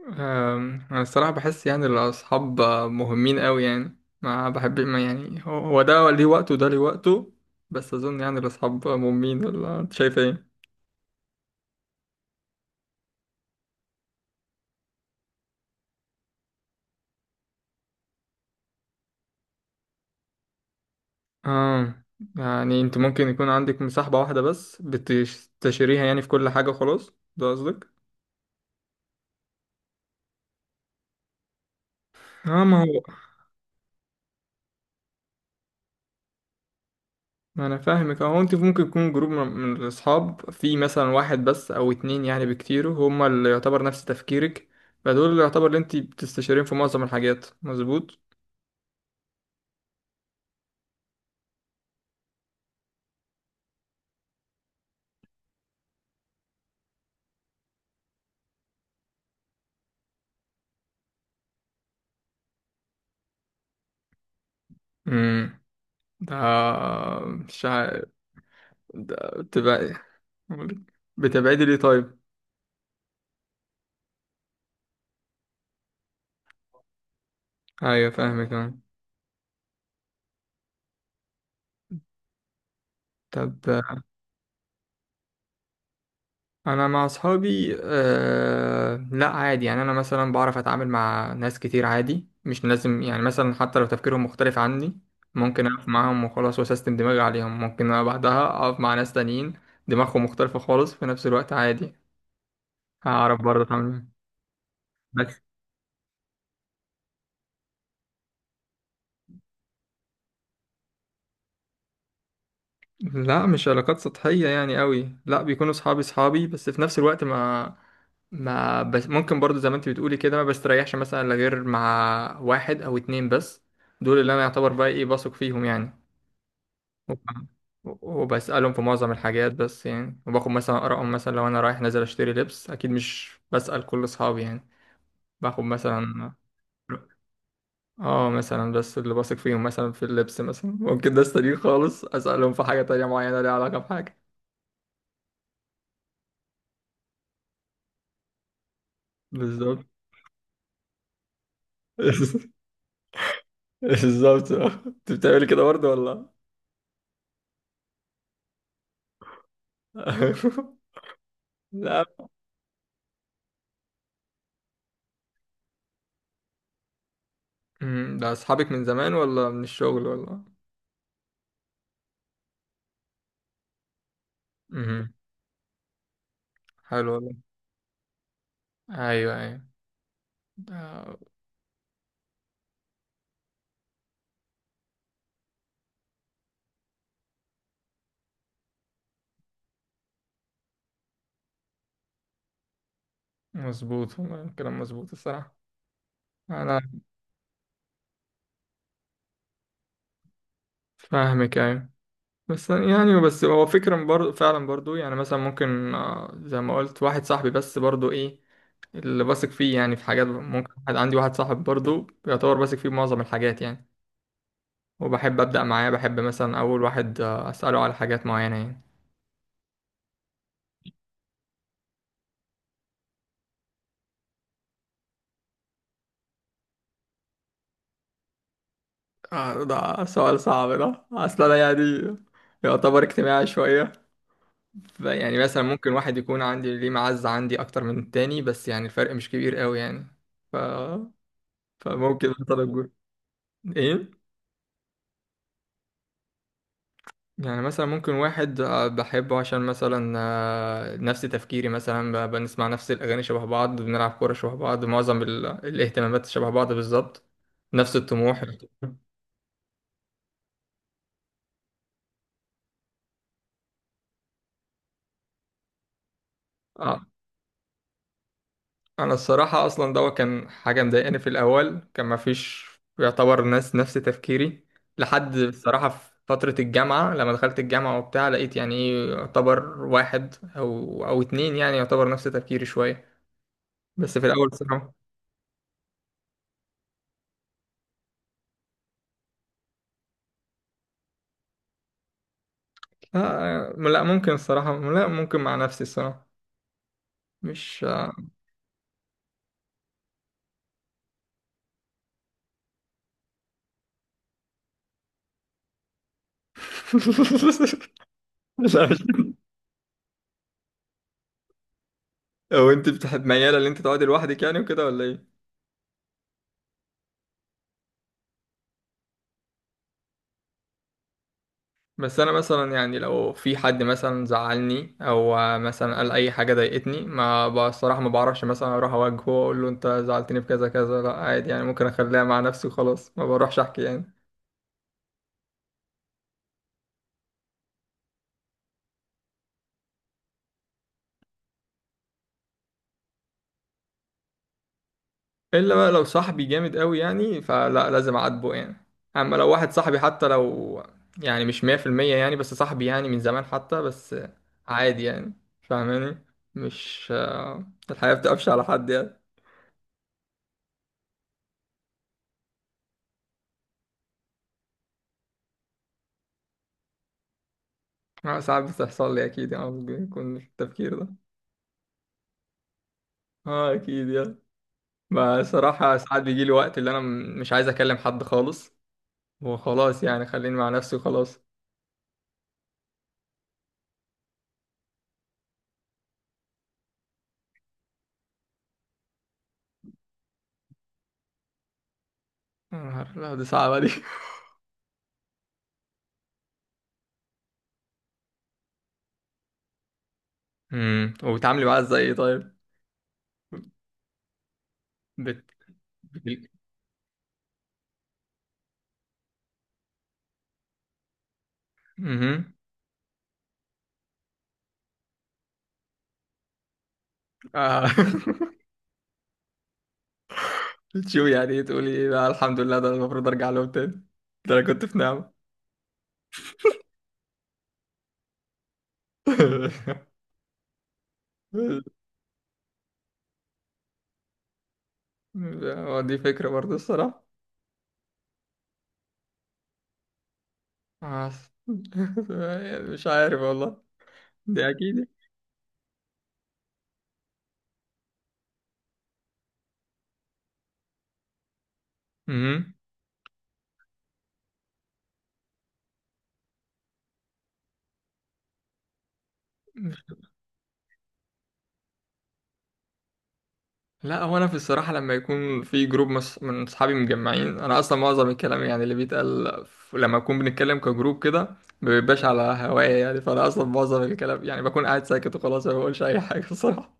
انا الصراحه بحس يعني الاصحاب مهمين قوي، يعني ما بحب، ما يعني هو ده ليه وقته وده ليه وقته. بس اظن يعني الاصحاب مهمين، ولا انت شايف ايه؟ اه، يعني انت ممكن يكون عندك مصاحبه واحده بس بتستشيريها يعني في كل حاجه، خلاص ده قصدك؟ اه، ما هو ما انا فاهمك اهو، انت ممكن يكون جروب من الاصحاب، في مثلا واحد بس او اتنين يعني بكتير هما اللي يعتبر نفس تفكيرك، فدول اللي يعتبر اللي انت بتستشيرين في معظم الحاجات، مظبوط؟ مم. آه، مش عارف. بتبقى، بتبعدي ليه طيب؟ ايوه، فاهمك أنا. طب انا مع اصحابي، آه لا عادي، يعني انا مثلا بعرف اتعامل مع ناس كتير عادي، مش لازم يعني مثلا حتى لو تفكيرهم مختلف عني، ممكن اقف معاهم وخلاص، واسيستم دماغي عليهم، ممكن أنا بعدها اقف مع ناس تانيين دماغهم مختلفة خالص، في نفس الوقت عادي هعرف برضه اتعامل معاهم. بس لا مش علاقات سطحية يعني قوي، لا بيكونوا صحابي، بس في نفس الوقت ما، ما بس ممكن برضو زي ما انت بتقولي كده، ما بستريحش مثلا الا غير مع واحد او اتنين بس، دول اللي انا يعتبر بقى ايه، بثق فيهم يعني. وبسألهم في معظم الحاجات بس يعني، وباخد مثلا آرائهم، مثلا لو انا رايح نازل اشتري لبس اكيد مش بسأل كل اصحابي يعني، باخد مثلا، اه مثلا بس اللي بثق فيهم مثلا في اللبس، مثلا ممكن ده استدين خالص اسألهم في حاجة تانية معينة ليها علاقة بحاجة. بالظبط. بالظبط، اه. انت بتعملي كده برضه ولا؟ لا. امم، ده اصحابك من زمان ولا من الشغل ولا؟ امم، حلو والله. ايوه ايوه، ده مظبوط، والله كلام مظبوط الصراحه. انا فاهمك، ايوه. بس يعني، بس هو فكرة برضو فعلا برضو، يعني مثلا ممكن زي ما قلت واحد صاحبي بس، برضو ايه اللي بثق فيه يعني في حاجات، ممكن واحد، عندي واحد صاحب برضو يعتبر بثق فيه معظم الحاجات يعني، وبحب ابدا معاه، بحب مثلا اول واحد اساله على حاجات معينه يعني. ده سؤال صعب ده، اصل انا يعني يعتبر اجتماعي شويه. يعني مثلا ممكن واحد يكون عندي ليه معزه عندي اكتر من التاني، بس يعني الفرق مش كبير قوي يعني. ف... فممكن مثلا اقول ايه، يعني مثلا ممكن واحد بحبه عشان مثلا نفس تفكيري، مثلا بنسمع نفس الاغاني شبه بعض، بنلعب كوره شبه بعض، معظم الاهتمامات شبه بعض بالظبط، نفس الطموح. آه، انا الصراحه اصلا ده كان حاجه مضايقاني في الاول، كان ما فيش يعتبر ناس نفس تفكيري، لحد الصراحه في فتره الجامعه، لما دخلت الجامعه وبتاع لقيت يعني ايه، يعتبر واحد او اتنين يعني يعتبر نفس تفكيري شويه، بس في الاول الصراحه. لا لا، ممكن الصراحه، لا ممكن مع نفسي الصراحه، مش لا، مش او انت بتحب مياله ان انت تقعدي لوحدك يعني وكده ولا ايه؟ بس انا مثلا يعني لو في حد مثلا زعلني، او مثلا قال اي حاجه ضايقتني، ما بصراحه ما بعرفش مثلا اروح اواجهه واقول له انت زعلتني في كذا كذا، لا عادي يعني، ممكن اخليها مع نفسي وخلاص، ما بروحش احكي يعني. الا بقى لو صاحبي جامد قوي يعني، فلا لازم اعاتبه يعني، اما لو واحد صاحبي حتى لو يعني مش 100% يعني، بس صاحبي يعني من زمان حتى، بس عادي يعني، فاهماني؟ مش، الحياه بتقفش على حد يعني. ساعات بتحصل لي اكيد يعني، بيكون التفكير ده. اه اكيد يعني، ما صراحة ساعات بيجي لي وقت اللي انا مش عايز اكلم حد خالص، وخلاص يعني خليني مع نفسي وخلاص. يا نهار أبيض، دي صعبة دي. امم، وبتعاملي معاها ازاي إيه طيب؟ بت بت- مهم. آه. بتشوفي يعني ايه تقولي ايه بقى، الحمد لله ده أنا المفروض ارجع لهم تاني، ده انا كنت في نعمة. دي فكرة برضه الصراحة. آه. مش عارف والله، دي اكيد. مهم. لا هو انا في الصراحه لما يكون في جروب من اصحابي مجمعين، انا اصلا معظم الكلام يعني اللي بيتقال، لما اكون بنتكلم كجروب كده ما بيبقاش على هوايا يعني، فانا اصلا معظم الكلام يعني بكون قاعد ساكت وخلاص، ما بقولش اي حاجه الصراحه.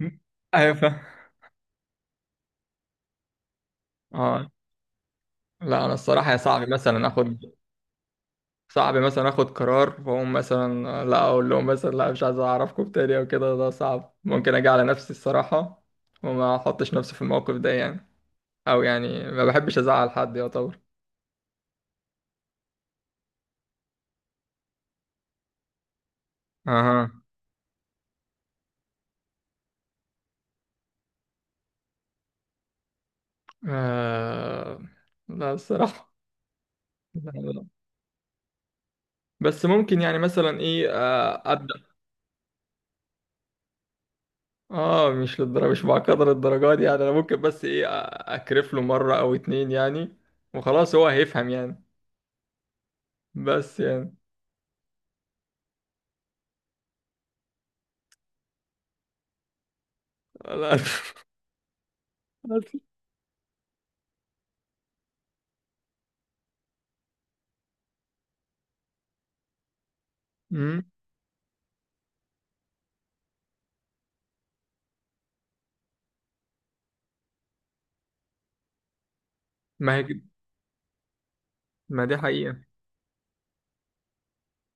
ايوه فاهم. اه لا انا الصراحه يا صعب مثلا اخد، صعب مثلا اخد قرار واقوم مثلا لا اقول لهم مثلا لا مش عايز اعرفكم تاني او كده، ده صعب ممكن اجي على نفسي الصراحه، وما احطش نفسي في الموقف ده يعني، او يعني ما بحبش ازعل حد يعتبر. اها. آه لا الصراحة، لا لا. بس ممكن يعني مثلا ايه، آه ابدا. اه مش للدرجة، مش بعقدر الدرجات دي يعني، انا ممكن بس ايه اكرف له مرة او اتنين يعني، وخلاص هو هيفهم يعني، بس يعني لا. بس. مم. ما هي كده- ما دي حقيقة.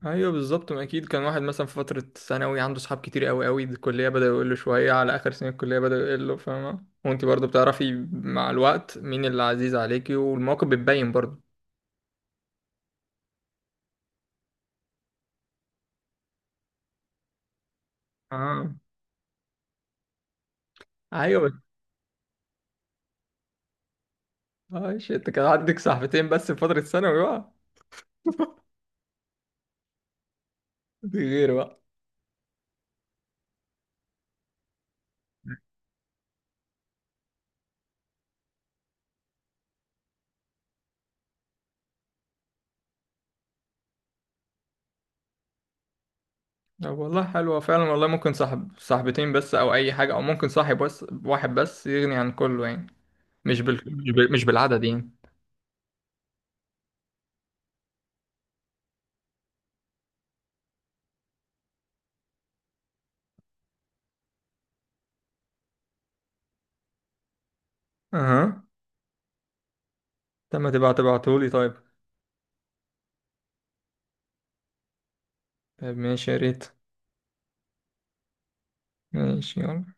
ايوه بالظبط، ما اكيد كان واحد مثلا في فترة ثانوي عنده صحاب كتير قوي قوي، الكلية بدأ يقول له شوية، على اخر سنة الكلية بدأ يقول له، فاهمة؟ وانت برضه بتعرفي مع الوقت مين اللي عزيز عليكي، والمواقف بتبين برضه. اه، ايوه بس. ماشي، انت كان عندك صاحبتين بس في فترة ثانوي بقى، دي غير بقى. طب والله حلوة فعلا والله، ممكن صاحب صاحبتين بس، او اي حاجة، او ممكن صاحب بس واحد بس يغني عن كله يعني، مش بالعدد يعني. اها. طب ما تبقى تبعتهولي طيب. طيب ماشي، يا ريت. ماشي يلا.